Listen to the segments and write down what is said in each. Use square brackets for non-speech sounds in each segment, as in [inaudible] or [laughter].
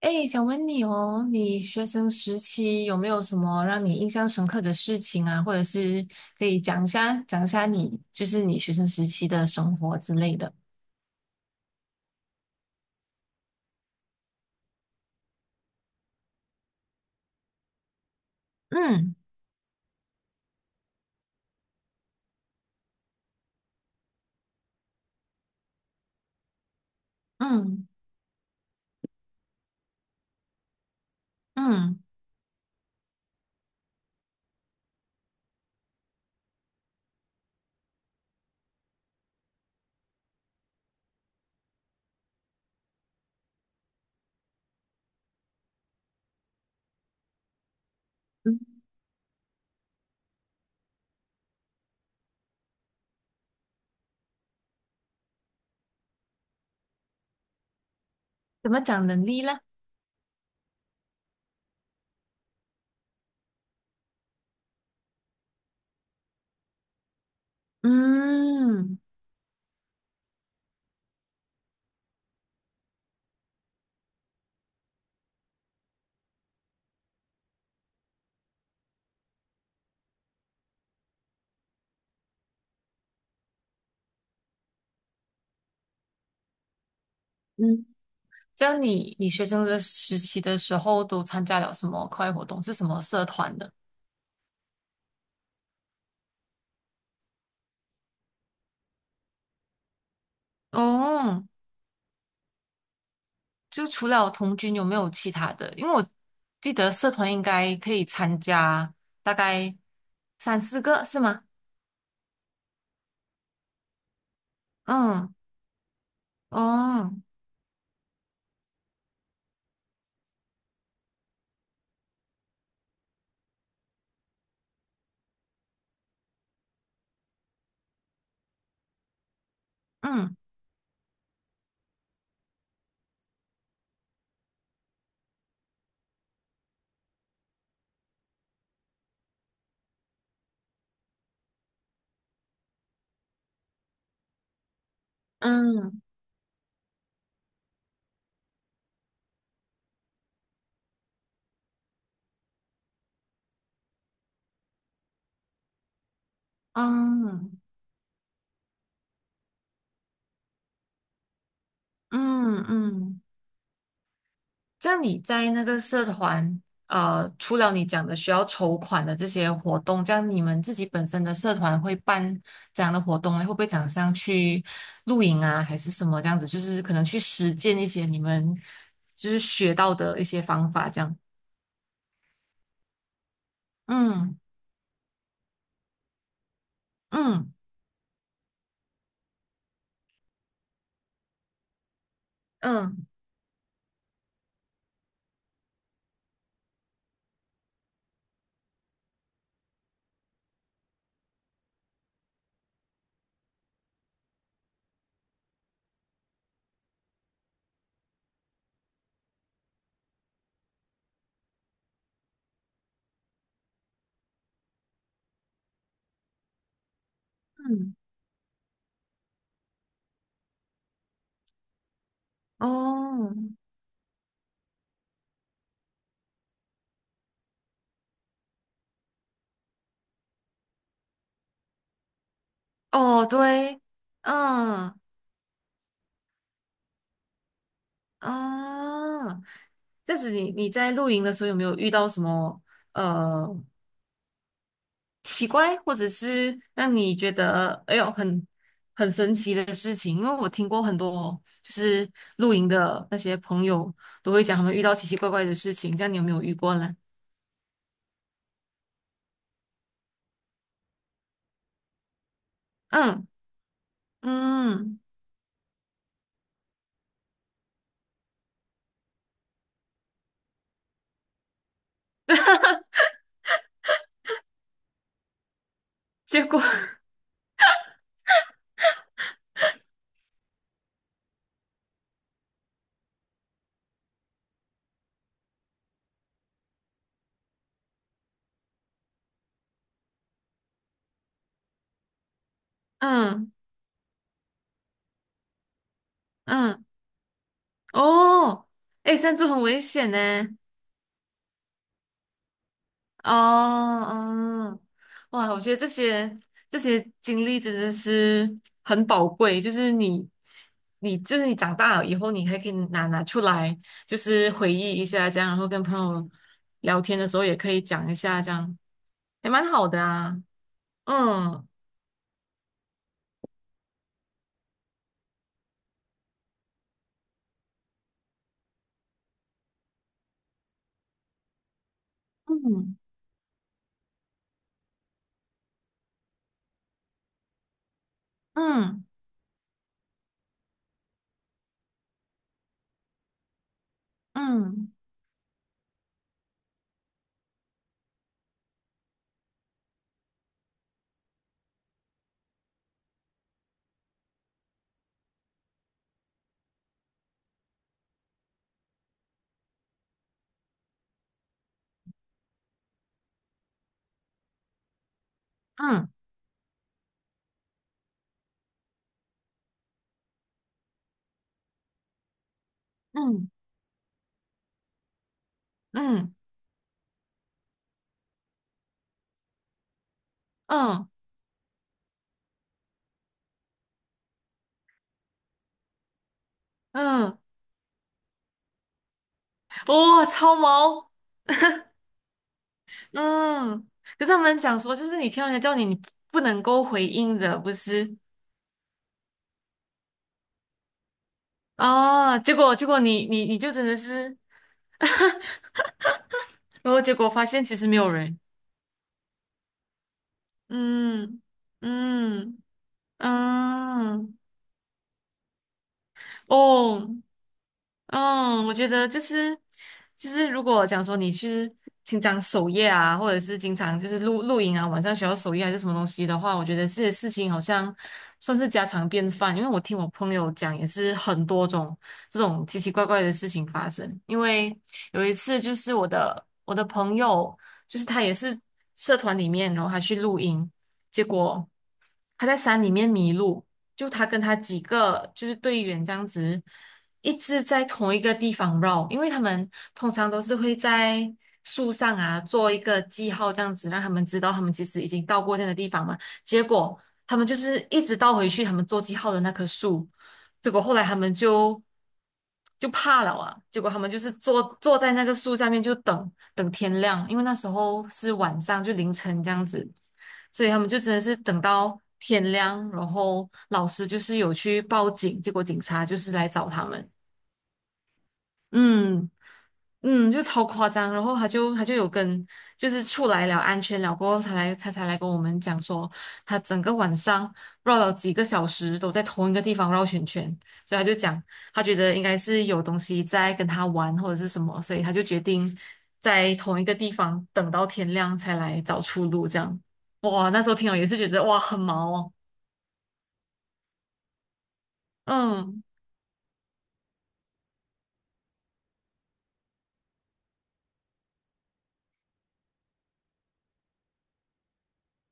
哎，想问你哦，你学生时期有没有什么让你印象深刻的事情啊？或者是可以讲一下，你就是你学生时期的生活之类的。嗯，嗯，嗯，嗯，怎么讲能力呢？嗯，嗯，这样你学生的时期的时候都参加了什么课外活动？是什么社团的？哦，就除了童军，有没有其他的？因为我记得社团应该可以参加大概三四个，是吗？嗯，哦，嗯，嗯，嗯，嗯，嗯。这样你在那个社团，除了你讲的需要筹款的这些活动，这样你们自己本身的社团会办这样的活动呢会不会讲像去露营啊，还是什么这样子？就是可能去实践一些你们就是学到的一些方法，这样。嗯，嗯，嗯，嗯，哦，哦，对，嗯，啊，这样子你在露营的时候有没有遇到什么呃奇怪，或者是让你觉得哎呦很神奇的事情？因为我听过很多就是露营的那些朋友都会讲他们遇到奇奇怪怪的事情，这样你有没有遇过呢？嗯，嗯，结果。 [laughs] 嗯，嗯。哦，哎，山猪很危险呢。哦，嗯，哇，我觉得这些经历真的是很宝贵，就是你就是你长大了以后，你还可以拿出来，就是回忆一下这样，然后跟朋友聊天的时候也可以讲一下，这样也蛮好的啊。嗯，嗯，嗯，嗯，嗯，嗯，嗯，嗯，嗯，哇，超毛！嗯，可是他们讲说，就是你听到人家叫你，你不能够回应的，不是？啊？结果你就真的是，然后结果发现其实没有人。嗯，嗯，嗯，哦，嗯，我觉得就是，如果讲说你去经常守夜啊，或者是经常就是露营啊，晚上需要守夜还是什么东西的话，我觉得这些事情好像算是家常便饭。因为我听我朋友讲，也是很多种这种奇奇怪怪的事情发生。因为有一次就是我的朋友，就是他也是社团里面，然后他去露营，结果。他在山里面迷路，就他跟他几个就是队员这样子，一直在同一个地方绕，因为他们通常都是会在树上啊做一个记号，这样子让他们知道他们其实已经到过这样的地方嘛。结果他们就是一直倒回去他们做记号的那棵树，结果后来他们就怕了啊！结果他们就是坐在那个树下面，就等等天亮，因为那时候是晚上，就凌晨这样子。所以他们就真的是等到天亮，然后老师就是有去报警，结果警察就是来找他们，嗯，嗯，就超夸张。然后他就有跟，就是出来了安全了过后，他才来跟我们讲说，他整个晚上绕了几个小时都在同一个地方绕圈圈，所以他就讲他觉得应该是有东西在跟他玩或者是什么，所以他就决定在同一个地方等到天亮才来找出路。这样，哇，那时候听了也是觉得哇很毛哦，嗯。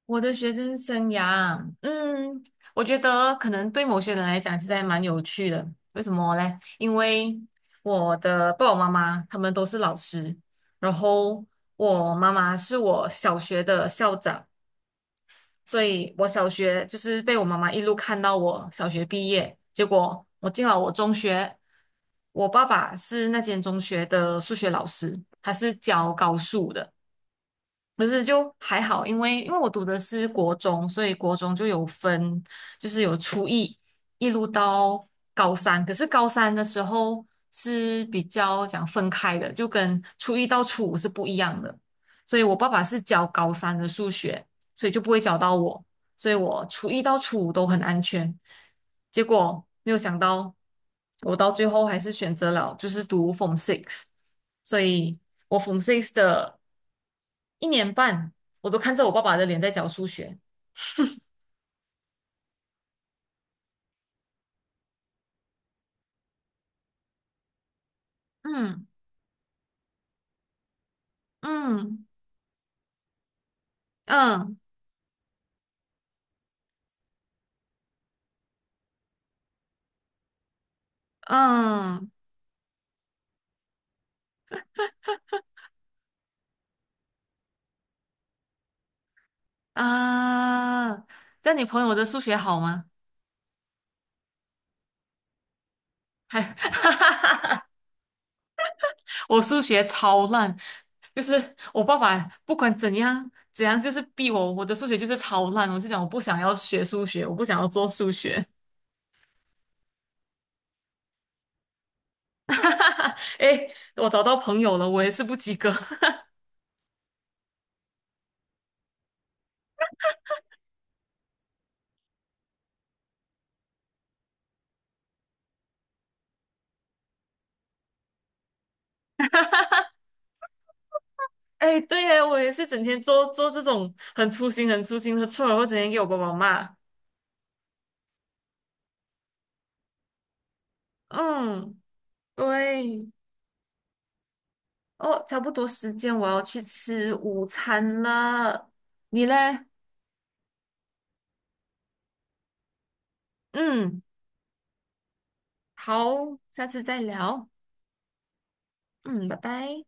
我的学生生涯啊，我觉得可能对某些人来讲，其实还蛮有趣的。为什么嘞？因为我的爸爸妈妈他们都是老师，然后我妈妈是我小学的校长，所以我小学就是被我妈妈一路看到我小学毕业。结果我进了我中学，我爸爸是那间中学的数学老师，他是教高数的。可是就还好，因为我读的是国中，所以国中就有分，就是有初一一路到高三。可是高三的时候是比较讲分开的，就跟初一到初五是不一样的。所以我爸爸是教高三的数学，所以就不会教到我，所以我初一到初五都很安全。结果没有想到，我到最后还是选择了就是读 Form Six，所以我 Form Six 的。一年半，我都看着我爸爸的脸在教数学。嗯，嗯，嗯，嗯，啊！这样你朋友的数学好吗？还。 [laughs] 我数学超烂，就是我爸爸不管怎样怎样，就是逼我，我的数学就是超烂。我就讲我不想要学数学，我不想要做数学。[laughs] 哎，我找到朋友了，我也是不及格。[laughs] 哎，对呀，我也是整天做做这种很粗心、很粗心的错，然后整天给我爸爸骂。嗯，对，哦，差不多时间，我要去吃午餐了。你嘞？嗯，好，下次再聊。嗯，拜拜。